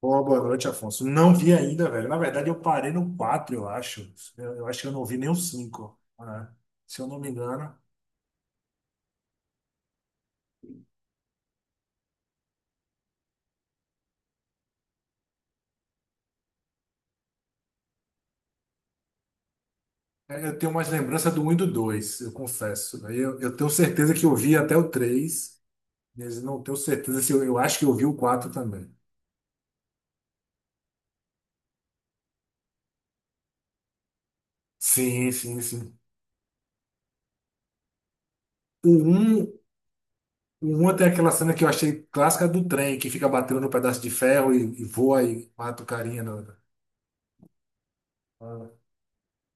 Boa, boa noite, Afonso. Não vi ainda, velho. Na verdade, eu parei no 4, eu acho. Eu acho que eu não vi nem o 5, né? Se eu não me engano. É, eu tenho mais lembrança do um e do 2, eu confesso. Aí eu tenho certeza que eu vi até o 3, mas não tenho certeza se eu, eu acho que eu vi o quatro também. Sim, sim, sim. O um, o um tem aquela cena que eu achei clássica do trem, que fica batendo no pedaço de ferro e voa e mata o carinha. No,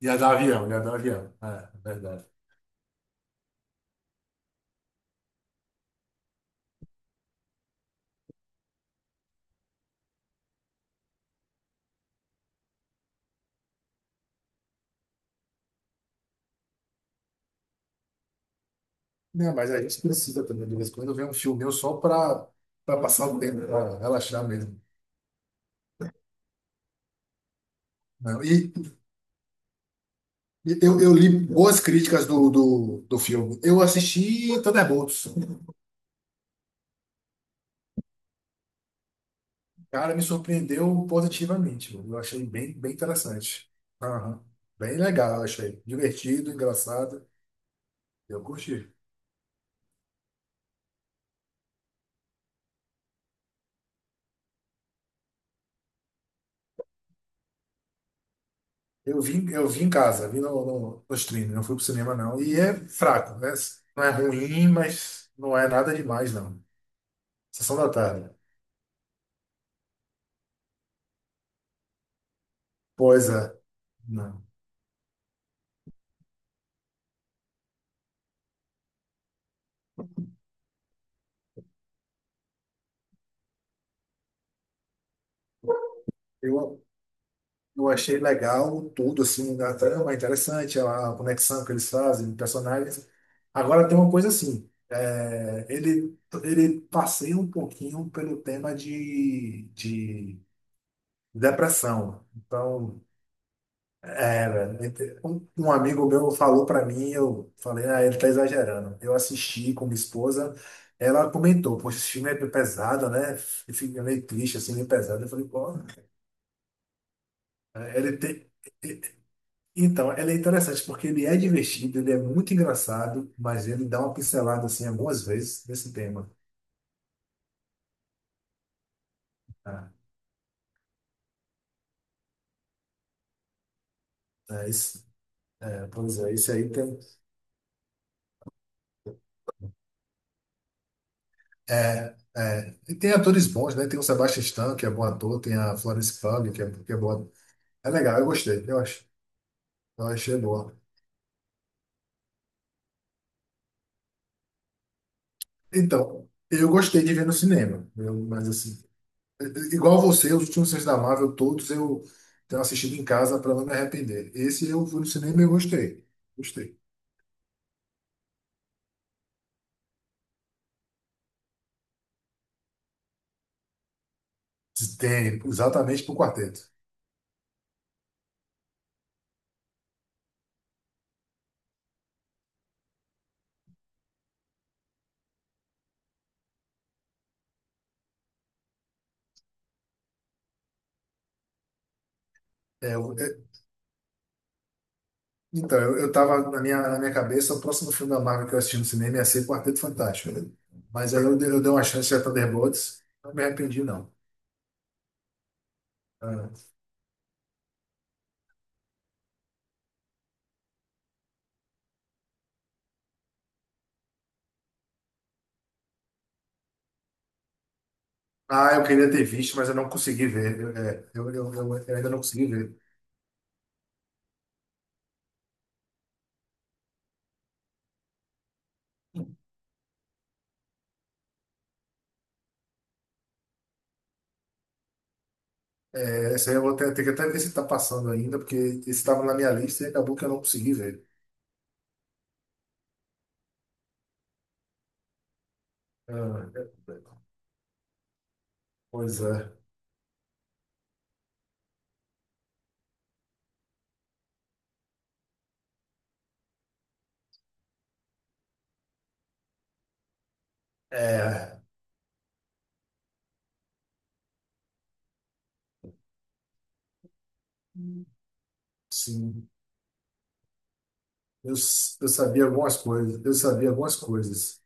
e a do avião, e a do avião. É, verdade. Né, mas a gente precisa também, de vez em quando, ver um filme meu só para passar o tempo, para relaxar mesmo. Né? E eu li boas críticas do filme. Eu assisti Thunderbolts. Cara, me surpreendeu positivamente. Eu achei bem, bem interessante. Aham. Bem legal, eu achei. Divertido, engraçado. Eu curti. Eu vi em casa, vi no streaming, não fui pro cinema, não. E é fraco, né? Não é ruim, mas não é nada demais, não. Sessão da tarde. Pois é. Não. Eu, eu achei legal tudo, assim, a trama é interessante, a conexão que eles fazem, personagens. Agora tem uma coisa assim, ele passeia um pouquinho pelo tema de depressão. Então, era. Um amigo meu falou para mim, eu falei, ah, ele tá exagerando. Eu assisti com minha esposa, ela comentou, poxa, esse filme é pesado, né? E fica meio triste, assim, meio pesado. Eu falei, pô, é, ele tem. Então, ela é interessante porque ele é divertido, ele é muito engraçado, mas ele dá uma pincelada assim algumas vezes nesse tema. Ah, é, esse, pois é, esse aí tem. É, é, e tem atores bons, né? Tem o Sebastian Stan, que é bom ator, tem a Florence Pugh, que é boa. É legal, eu gostei, eu acho. Eu achei boa. Então, eu gostei de ver no cinema, mas assim, igual você, os últimos filmes da Marvel, todos eu tenho assistido em casa para não me arrepender. Esse eu fui no cinema e eu gostei. Gostei. Tem, exatamente para o quarteto. É, eu- é- então, eu tava na minha cabeça, o próximo filme da Marvel que eu assisti no cinema ia ser Quarteto Fantástico. Mas aí eu dei uma chance a Thunderbolts, não me arrependi, não. Ah, eu queria ter visto, mas eu não consegui ver. Eu, é, eu ainda não consegui ver. É, essa aí eu vou ter, ter que até ver se está passando ainda, porque esse estava na minha lista e acabou que eu não consegui ver. Ah, é, é, pois é. É, sim. Eu sabia algumas coisas. Eu sabia algumas coisas.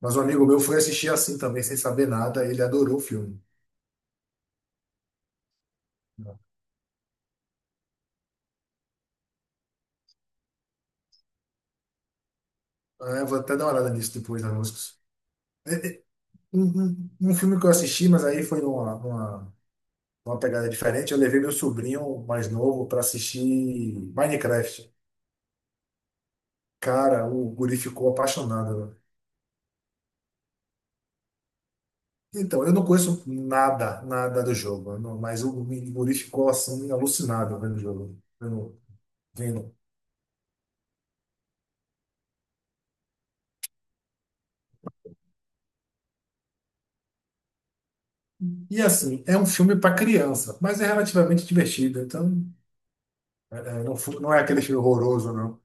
Mas um amigo meu foi assistir assim também, sem saber nada. Ele adorou o filme. É, vou até dar uma olhada nisso depois nas músicas. É, é, um filme que eu assisti, mas aí foi numa pegada diferente. Eu levei meu sobrinho mais novo para assistir Minecraft. Cara, o guri ficou apaixonado. Né? Então, eu não conheço nada, nada do jogo, não- mas o guri ficou assim, alucinado vendo o jogo, vendo, vendo. E assim, é um filme para criança, mas é relativamente divertido. Então, não é aquele filme horroroso, não.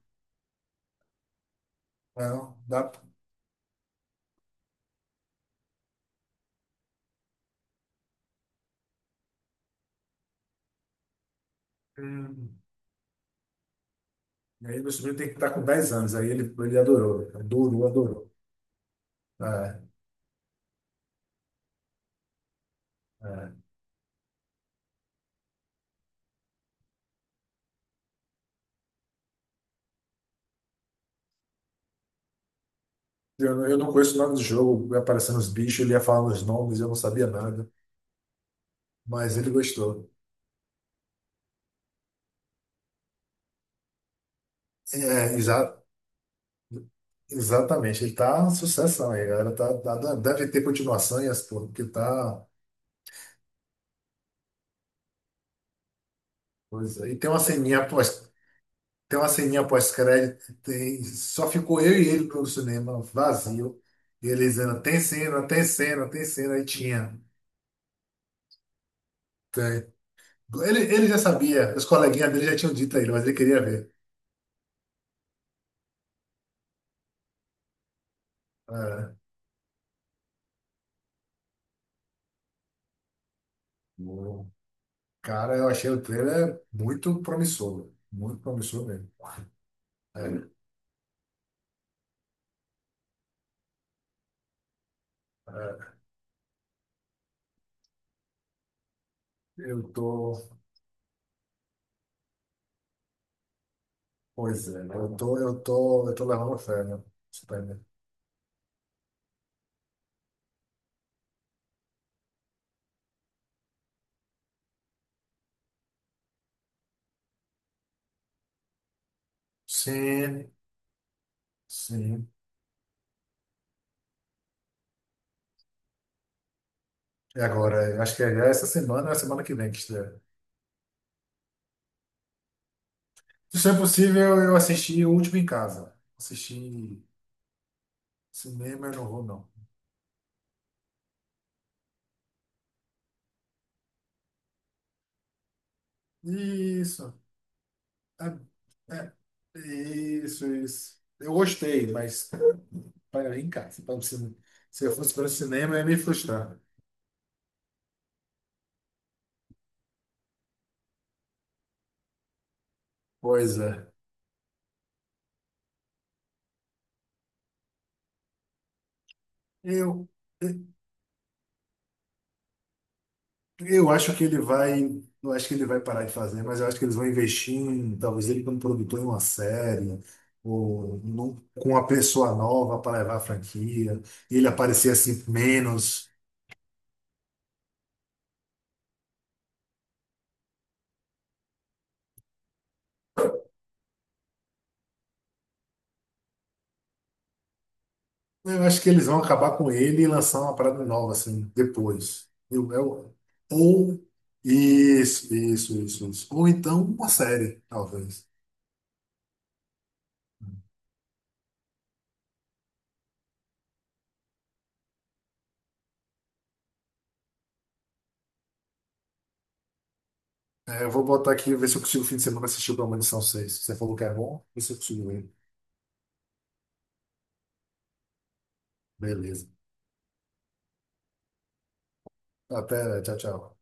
Não, dá. Hum. E aí meu sobrinho tem que estar com 10 anos. Aí ele adorou. Adorou, adorou. É, é. Eu não conheço o nome do jogo, ia aparecendo os bichos, ele ia falando os nomes, eu não sabia nada. Mas ele gostou. É, exa- exatamente, ele tá uma sucessão aí, galera. Deve ter continuação e as porra, porque tá. Coisa. E tem uma ceninha pós, tem uma ceninha pós-crédito, tem, só ficou eu e ele no cinema, vazio. E ele dizendo, tem cena, tem cena, tem cena, aí tinha. Tem. Ele já sabia, os coleguinhas dele já tinham dito a ele, mas ele queria ver. É. O cara, eu achei o trailer muito promissor mesmo. É, é, eu tô, pois é, eu tô levando fé, né? Superman. Sim, sim. E agora, eu acho que é já essa semana, ou é a semana que vem que estreia. Se isso é possível, eu assisti o último em casa. Assisti em cinema, eu não vou, não. Isso. É, é, isso, isso. Eu gostei, mas para em casa. Para o se eu fosse para o cinema, eu ia me frustrar. Pois é. Eu, eu acho que ele vai. Não acho que ele vai parar de fazer, mas eu acho que eles vão investir em, talvez ele como produtor em uma série, com uma pessoa nova para levar a franquia, ele aparecer assim menos. Eu acho que eles vão acabar com ele e lançar uma parada nova, assim, depois. Ou. Isso, isso, isso, isso. Ou então uma série, talvez. É, eu vou botar aqui, ver se eu consigo fim de semana assistir o Premonição 6. Você falou que é bom? Ver se eu consigo ver. Beleza. Até, tchau, tchau.